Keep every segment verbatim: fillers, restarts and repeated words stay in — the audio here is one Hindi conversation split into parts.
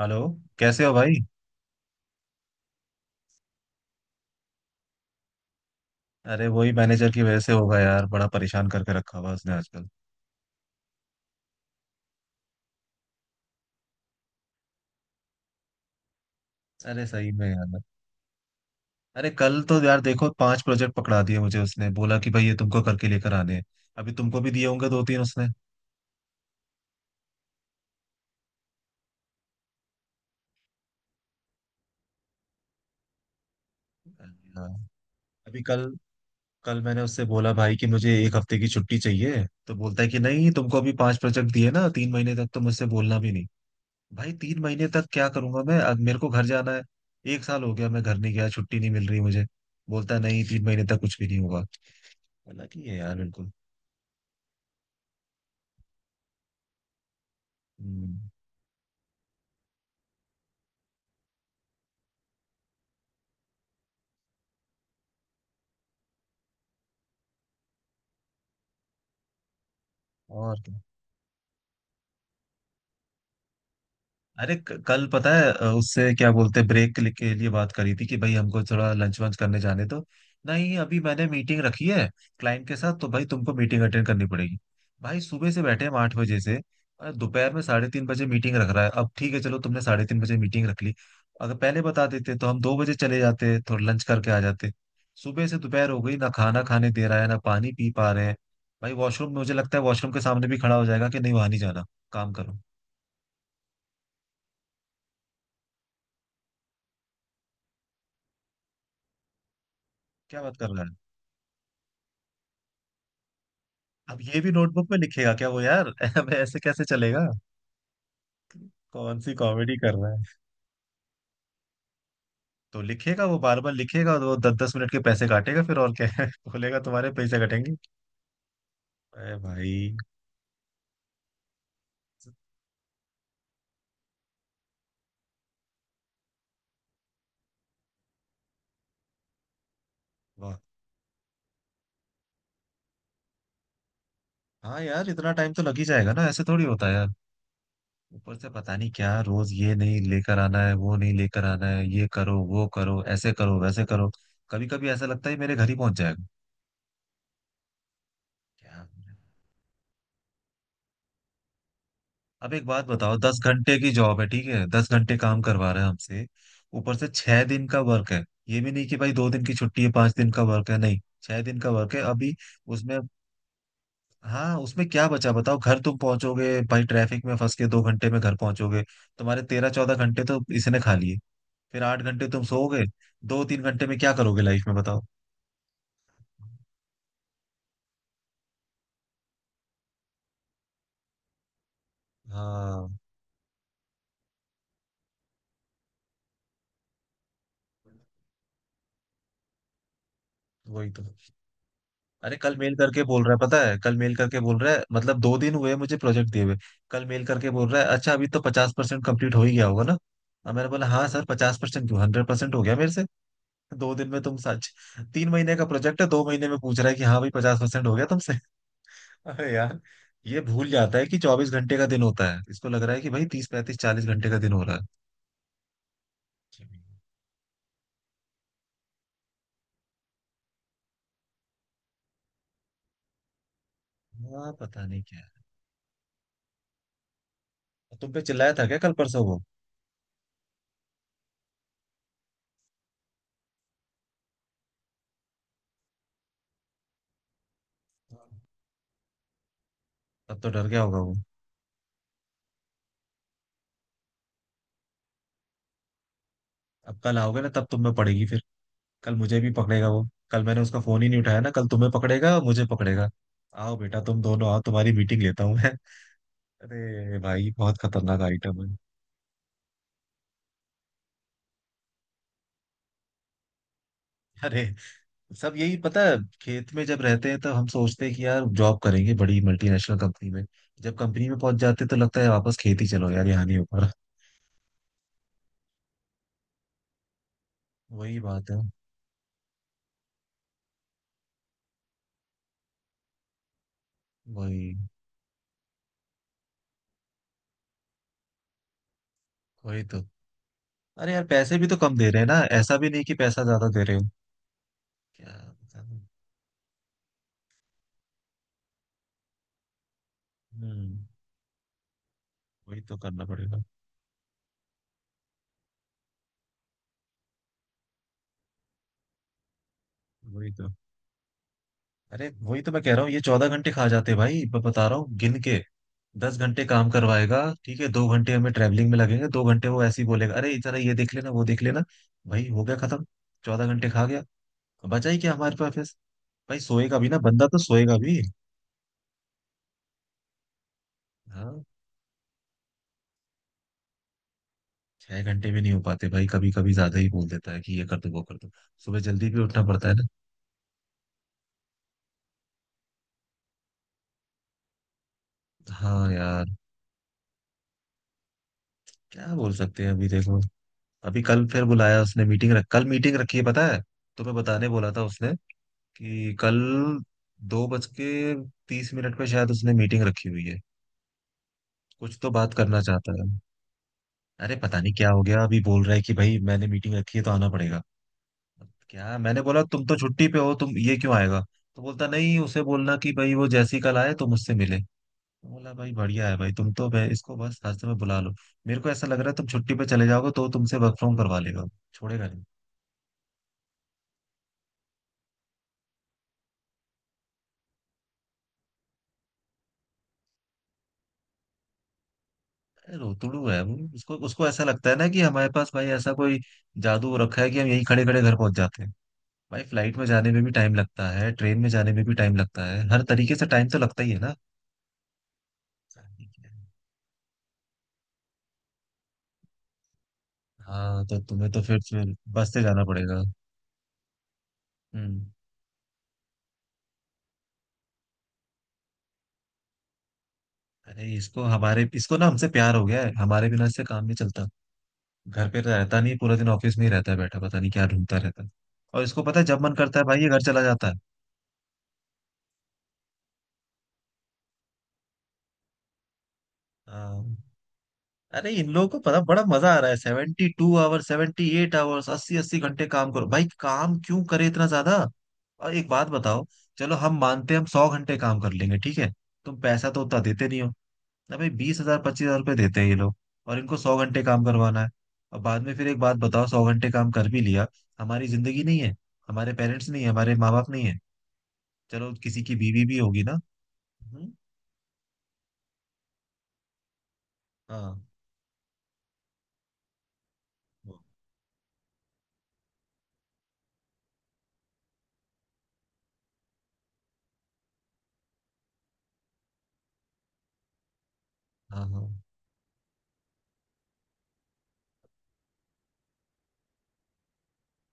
हेलो। कैसे हो भाई। अरे वही मैनेजर की वजह से होगा यार, बड़ा परेशान करके रखा हुआ है उसने आजकल। अरे सही में यार। अरे कल तो यार देखो पांच प्रोजेक्ट पकड़ा दिए मुझे उसने बोला कि भाई ये तुमको करके लेकर आने हैं। अभी तुमको भी दिए होंगे दो तीन उसने। हाँ। अभी कल कल मैंने उससे बोला भाई कि मुझे एक हफ्ते की छुट्टी चाहिए तो बोलता है कि नहीं तुमको अभी पांच प्रोजेक्ट दिए ना तीन महीने तक तो मुझसे बोलना भी नहीं। भाई तीन महीने तक क्या करूंगा मैं, अब मेरे को घर जाना है। एक साल हो गया मैं घर नहीं गया, छुट्टी नहीं मिल रही मुझे। बोलता है नहीं तीन महीने तक कुछ भी नहीं होगा। लगी है यार बिल्कुल। हम्म, और क्या। अरे क- कल पता है अ, उससे क्या बोलते हैं ब्रेक के लिए के लिए बात करी थी कि भाई हमको थोड़ा लंच वंच करने जाने दो। नहीं अभी मैंने मीटिंग रखी है क्लाइंट के साथ तो भाई तुमको मीटिंग अटेंड करनी पड़ेगी। भाई सुबह से बैठे हम आठ बजे से। और दोपहर में साढ़े तीन बजे मीटिंग रख रहा है। अब ठीक है चलो तुमने साढ़े तीन बजे मीटिंग रख ली। अगर पहले बता देते तो हम दो बजे चले जाते, थोड़ा लंच करके आ जाते। सुबह से दोपहर हो गई, ना खाना खाने दे रहा है ना पानी पी पा रहे हैं। भाई वॉशरूम, मुझे लगता है वॉशरूम के सामने भी खड़ा हो जाएगा कि नहीं वहां नहीं जाना, काम करो। क्या बात कर रहा है। अब ये भी नोटबुक में लिखेगा क्या वो यार। अब ऐसे कैसे चलेगा। कौन सी कॉमेडी कर रहा है। तो लिखेगा वो, बार बार लिखेगा और वो दस दस मिनट के पैसे काटेगा फिर, और क्या है। बोलेगा तुम्हारे पैसे कटेंगे। अरे भाई। वाह। हाँ यार इतना टाइम तो लग ही जाएगा ना, ऐसे थोड़ी होता है यार। ऊपर से पता नहीं क्या रोज, ये नहीं लेकर आना है वो नहीं लेकर आना है, ये करो वो करो ऐसे करो वैसे करो। कभी कभी ऐसा लगता है मेरे घर ही पहुंच जाएगा। क्या। अब एक बात बताओ, दस घंटे की जॉब है ठीक है, दस घंटे काम करवा रहे हैं हमसे। ऊपर से छह दिन का वर्क है। ये भी नहीं कि भाई दो दिन की छुट्टी है पांच दिन का वर्क है, नहीं छह दिन का वर्क है अभी। उसमें। हाँ उसमें क्या बचा बताओ, घर तुम पहुंचोगे भाई ट्रैफिक में फंस के दो घंटे में घर पहुंचोगे। तुम्हारे तेरह चौदह घंटे तो इसने खा लिए। फिर आठ घंटे तुम सोओगे। दो तीन घंटे में क्या करोगे लाइफ में बताओ। हाँ। वही तो। अरे कल मेल करके बोल रहा है, पता है, कल मेल करके बोल रहा है, मतलब दो दिन हुए मुझे प्रोजेक्ट दिए हुए। कल मेल करके बोल रहा है अच्छा अभी तो पचास परसेंट कम्प्लीट हो ही गया होगा ना। अब मैंने बोला हाँ सर पचास परसेंट क्यों, हंड्रेड परसेंट हो गया मेरे से। दो दिन में तुम सच। तीन महीने का प्रोजेक्ट है, दो महीने में पूछ रहा है कि हाँ भाई पचास परसेंट हो गया तुमसे। अरे यार। ये भूल जाता है कि चौबीस घंटे का दिन होता है, इसको लग रहा है कि भाई तीस पैंतीस चालीस घंटे का दिन हो रहा है। हाँ पता नहीं क्या है। तुम पे चिल्लाया था क्या कल परसों वो। तब तो डर गया होगा वो। अब कल आओगे ना तब तुम में पड़ेगी फिर। कल मुझे भी पकड़ेगा वो, कल मैंने उसका फोन ही नहीं उठाया ना, कल तुम्हें पकड़ेगा मुझे पकड़ेगा। आओ बेटा तुम दोनों आओ, तुम्हारी मीटिंग लेता हूँ मैं। अरे भाई बहुत खतरनाक आइटम है। अरे सब यही पता है। खेत में जब रहते हैं तो हम सोचते हैं कि यार जॉब करेंगे बड़ी मल्टीनेशनल कंपनी में। जब कंपनी में पहुंच जाते हैं तो लगता है वापस खेती, चलो यार यहाँ नहीं ऊपर। वही बात है। वही। वही तो। अरे यार पैसे भी तो कम दे रहे हैं ना, ऐसा भी नहीं कि पैसा ज्यादा दे रहे हो। क्या। बताऊं। हम्म। वही तो करना पड़ेगा। वही तो। अरे वही तो मैं कह रहा हूँ ये चौदह घंटे खा जाते, भाई मैं बता रहा हूँ गिन के। दस घंटे काम करवाएगा ठीक है, दो घंटे हमें ट्रैवलिंग में लगेंगे, दो घंटे वो ऐसे ही बोलेगा अरे जरा ये देख लेना वो देख लेना। भाई हो गया खत्म। चौदह घंटे खा गया। बचा ही क्या हमारे पास फिर? भाई सोएगा भी ना बंदा तो सोएगा भी। हाँ। छह घंटे भी नहीं हो पाते भाई कभी कभी, ज्यादा ही बोल देता है कि ये कर दो वो कर दो। सुबह जल्दी भी उठना पड़ता है ना। हाँ यार। क्या बोल सकते हैं अभी देखो। अभी कल फिर बुलाया उसने मीटिंग रख, कल मीटिंग रखी है पता है। तुम्हें बताने बोला था उसने कि कल दो बज के तीस मिनट पे शायद उसने मीटिंग रखी हुई है। कुछ तो बात करना चाहता है। अरे पता नहीं क्या हो गया, अभी बोल रहा है कि भाई मैंने मीटिंग रखी है तो आना पड़ेगा। क्या मैंने बोला तुम तो छुट्टी पे हो, तुम ये क्यों आएगा। तो बोलता नहीं, उसे बोलना कि भाई वो जैसी कल आए तो मुझसे मिले। मैं बोला भाई बढ़िया है भाई, तुम तो भाई इसको बस रास्ते में बुला लो। मेरे को ऐसा लग रहा है तुम छुट्टी पे चले जाओगे तो तुमसे वर्क फ्रॉम करवा लेगा, छोड़ेगा। रोतड़ू है वो, उसको उसको ऐसा लगता है ना कि हमारे पास भाई ऐसा कोई जादू रखा है कि हम यहीं खड़े खड़े घर पहुंच जाते हैं। भाई फ्लाइट में जाने में भी टाइम लगता है, ट्रेन में जाने में भी टाइम लगता है, हर तरीके से टाइम तो लगता ही है ना। हाँ तो तुम्हें तो फिर फिर बस से जाना पड़ेगा। हम्म। अरे इसको हमारे इसको ना हमसे प्यार हो गया है, हमारे बिना इससे काम नहीं चलता। घर पे तो रहता नहीं, पूरा दिन ऑफिस में ही रहता है बैठा, पता नहीं क्या ढूंढता रहता है। और इसको पता है जब मन करता है भाई ये घर चला जाता है। हाँ। अरे इन लोगों को पता बड़ा मजा आ रहा है, seventy two hours seventy eight hours अस्सी अस्सी घंटे काम करो भाई, काम क्यों करे इतना ज्यादा। और एक बात बताओ। चलो हम मानते हैं हम सौ घंटे काम कर लेंगे ठीक है। तुम पैसा तो उतना देते नहीं हो। ना भाई बीस हजार पच्चीस हजार रुपये देते हैं ये लोग। और इनको सौ घंटे काम करवाना है। और बाद में फिर एक बात बताओ सौ घंटे काम कर भी लिया। हमारी जिंदगी नहीं है। हमारे पेरेंट्स नहीं है हमारे माँ बाप नहीं है। चलो किसी की बीवी भी होगी ना। हम्म, हाँ, हाँ, हाँ।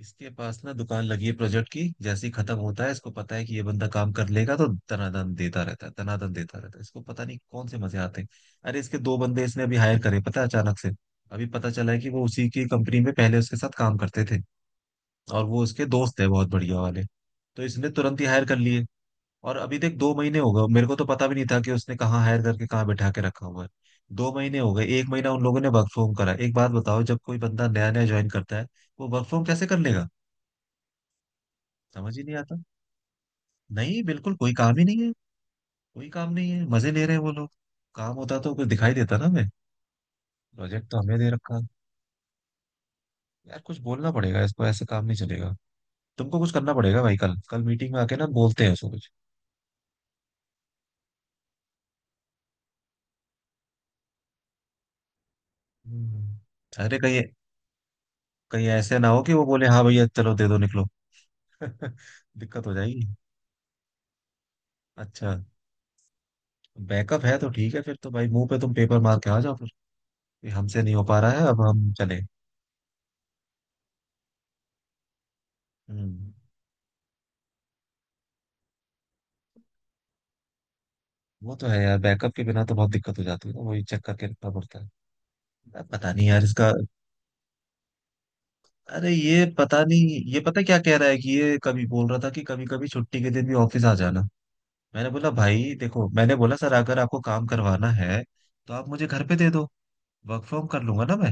इसके पास ना दुकान लगी है प्रोजेक्ट की, जैसे ही खत्म होता है इसको पता है कि ये बंदा काम कर लेगा तो तनादन देता रहता है तनादन देता रहता है, इसको पता नहीं कौन से मजे आते हैं। अरे इसके दो बंदे इसने अभी हायर करे पता है अचानक से। अभी पता चला है कि वो उसी की कंपनी में पहले उसके साथ काम करते थे। और वो उसके दोस्त है बहुत बढ़िया वाले। तो इसने तुरंत ही हायर कर लिए। और अभी तक दो महीने हो गए, मेरे को तो पता भी नहीं था कि उसने कहाँ हायर करके कहाँ बैठा के रखा हुआ है। दो महीने हो गए, एक महीना उन लोगों ने वर्क फ्रॉम करा। एक बात बताओ जब कोई बंदा नया नया ज्वाइन करता है वो वर्क फ्रॉम कैसे कर लेगा। समझ ही नहीं आता। नहीं बिल्कुल कोई काम ही नहीं है। कोई काम नहीं है मजे ले रहे हैं वो लोग। काम होता तो कुछ दिखाई देता ना हमें। प्रोजेक्ट तो हमें दे रखा है। यार कुछ बोलना पड़ेगा इसको, ऐसे काम नहीं चलेगा। तुमको कुछ करना पड़ेगा भाई, कल कल मीटिंग में आके ना बोलते हैं उसको कुछ। हम्म। अरे कहीं कहीं ऐसे ना हो कि वो बोले हाँ भैया चलो दे दो निकलो। दिक्कत हो जाएगी। अच्छा। बैकअप है तो ठीक है, फिर तो भाई मुंह पे तुम पेपर मार के आ जाओ फिर कि हमसे नहीं हो पा रहा है अब हम चले। हम्म। वो तो है यार, बैकअप के बिना तो बहुत दिक्कत हो जाती है ना, वही चेक करके रखना पड़ता है। अब पता नहीं यार इसका। अरे ये पता नहीं ये पता क्या कह रहा है कि ये कभी बोल रहा था कि कभी कभी छुट्टी के दिन भी ऑफिस आ जाना। मैंने बोला भाई देखो, मैंने बोला सर अगर आपको काम करवाना है तो आप मुझे घर पे दे दो, वर्क फ्रॉम कर लूंगा ना मैं।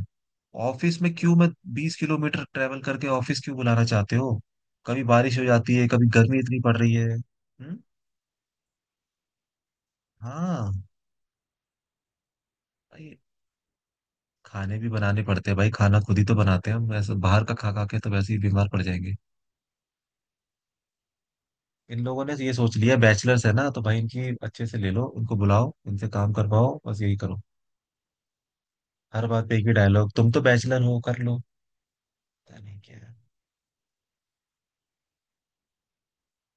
ऑफिस में क्यों मैं बीस किलोमीटर ट्रेवल करके ऑफिस क्यों बुलाना चाहते हो। कभी बारिश हो जाती है कभी गर्मी इतनी पड़ रही है हम्म। हाँ। भाई खाने भी बनाने पड़ते हैं भाई, खाना खुद ही तो बनाते हैं हम, ऐसे बाहर का खा खा के तो वैसे ही बीमार पड़ जाएंगे। इन लोगों ने ये सोच लिया बैचलर्स है ना, तो भाई इनकी अच्छे से ले लो इनको बुलाओ इनसे काम करवाओ बस यही करो। हर बात पे एक ही डायलॉग, तुम तो बैचलर हो कर लो। पता नहीं क्या।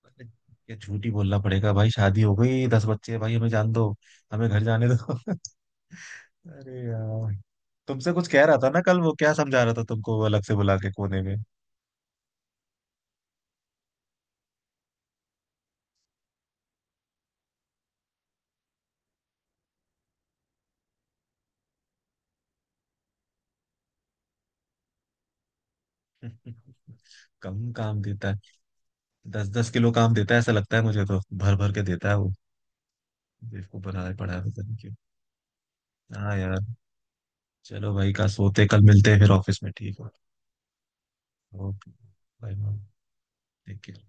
मतलब। ये झूठ ही बोलना पड़ेगा भाई, शादी हो गई दस बच्चे हैं, भाई हमें जान दो हमें घर जाने दो। अरे यार। तुमसे कुछ कह रहा था ना कल, वो क्या समझा रहा था तुमको वो अलग से बुला के कोने में। कम काम देता है। दस दस किलो काम देता है ऐसा लगता है मुझे, तो भर भर के देता है वो। बेवकूफ बना पड़ा है पता नहीं क्यों। हाँ यार। चलो भाई का सोते कल मिलते हैं फिर ऑफिस में ठीक है। Okay. Bye ma'am. Take care.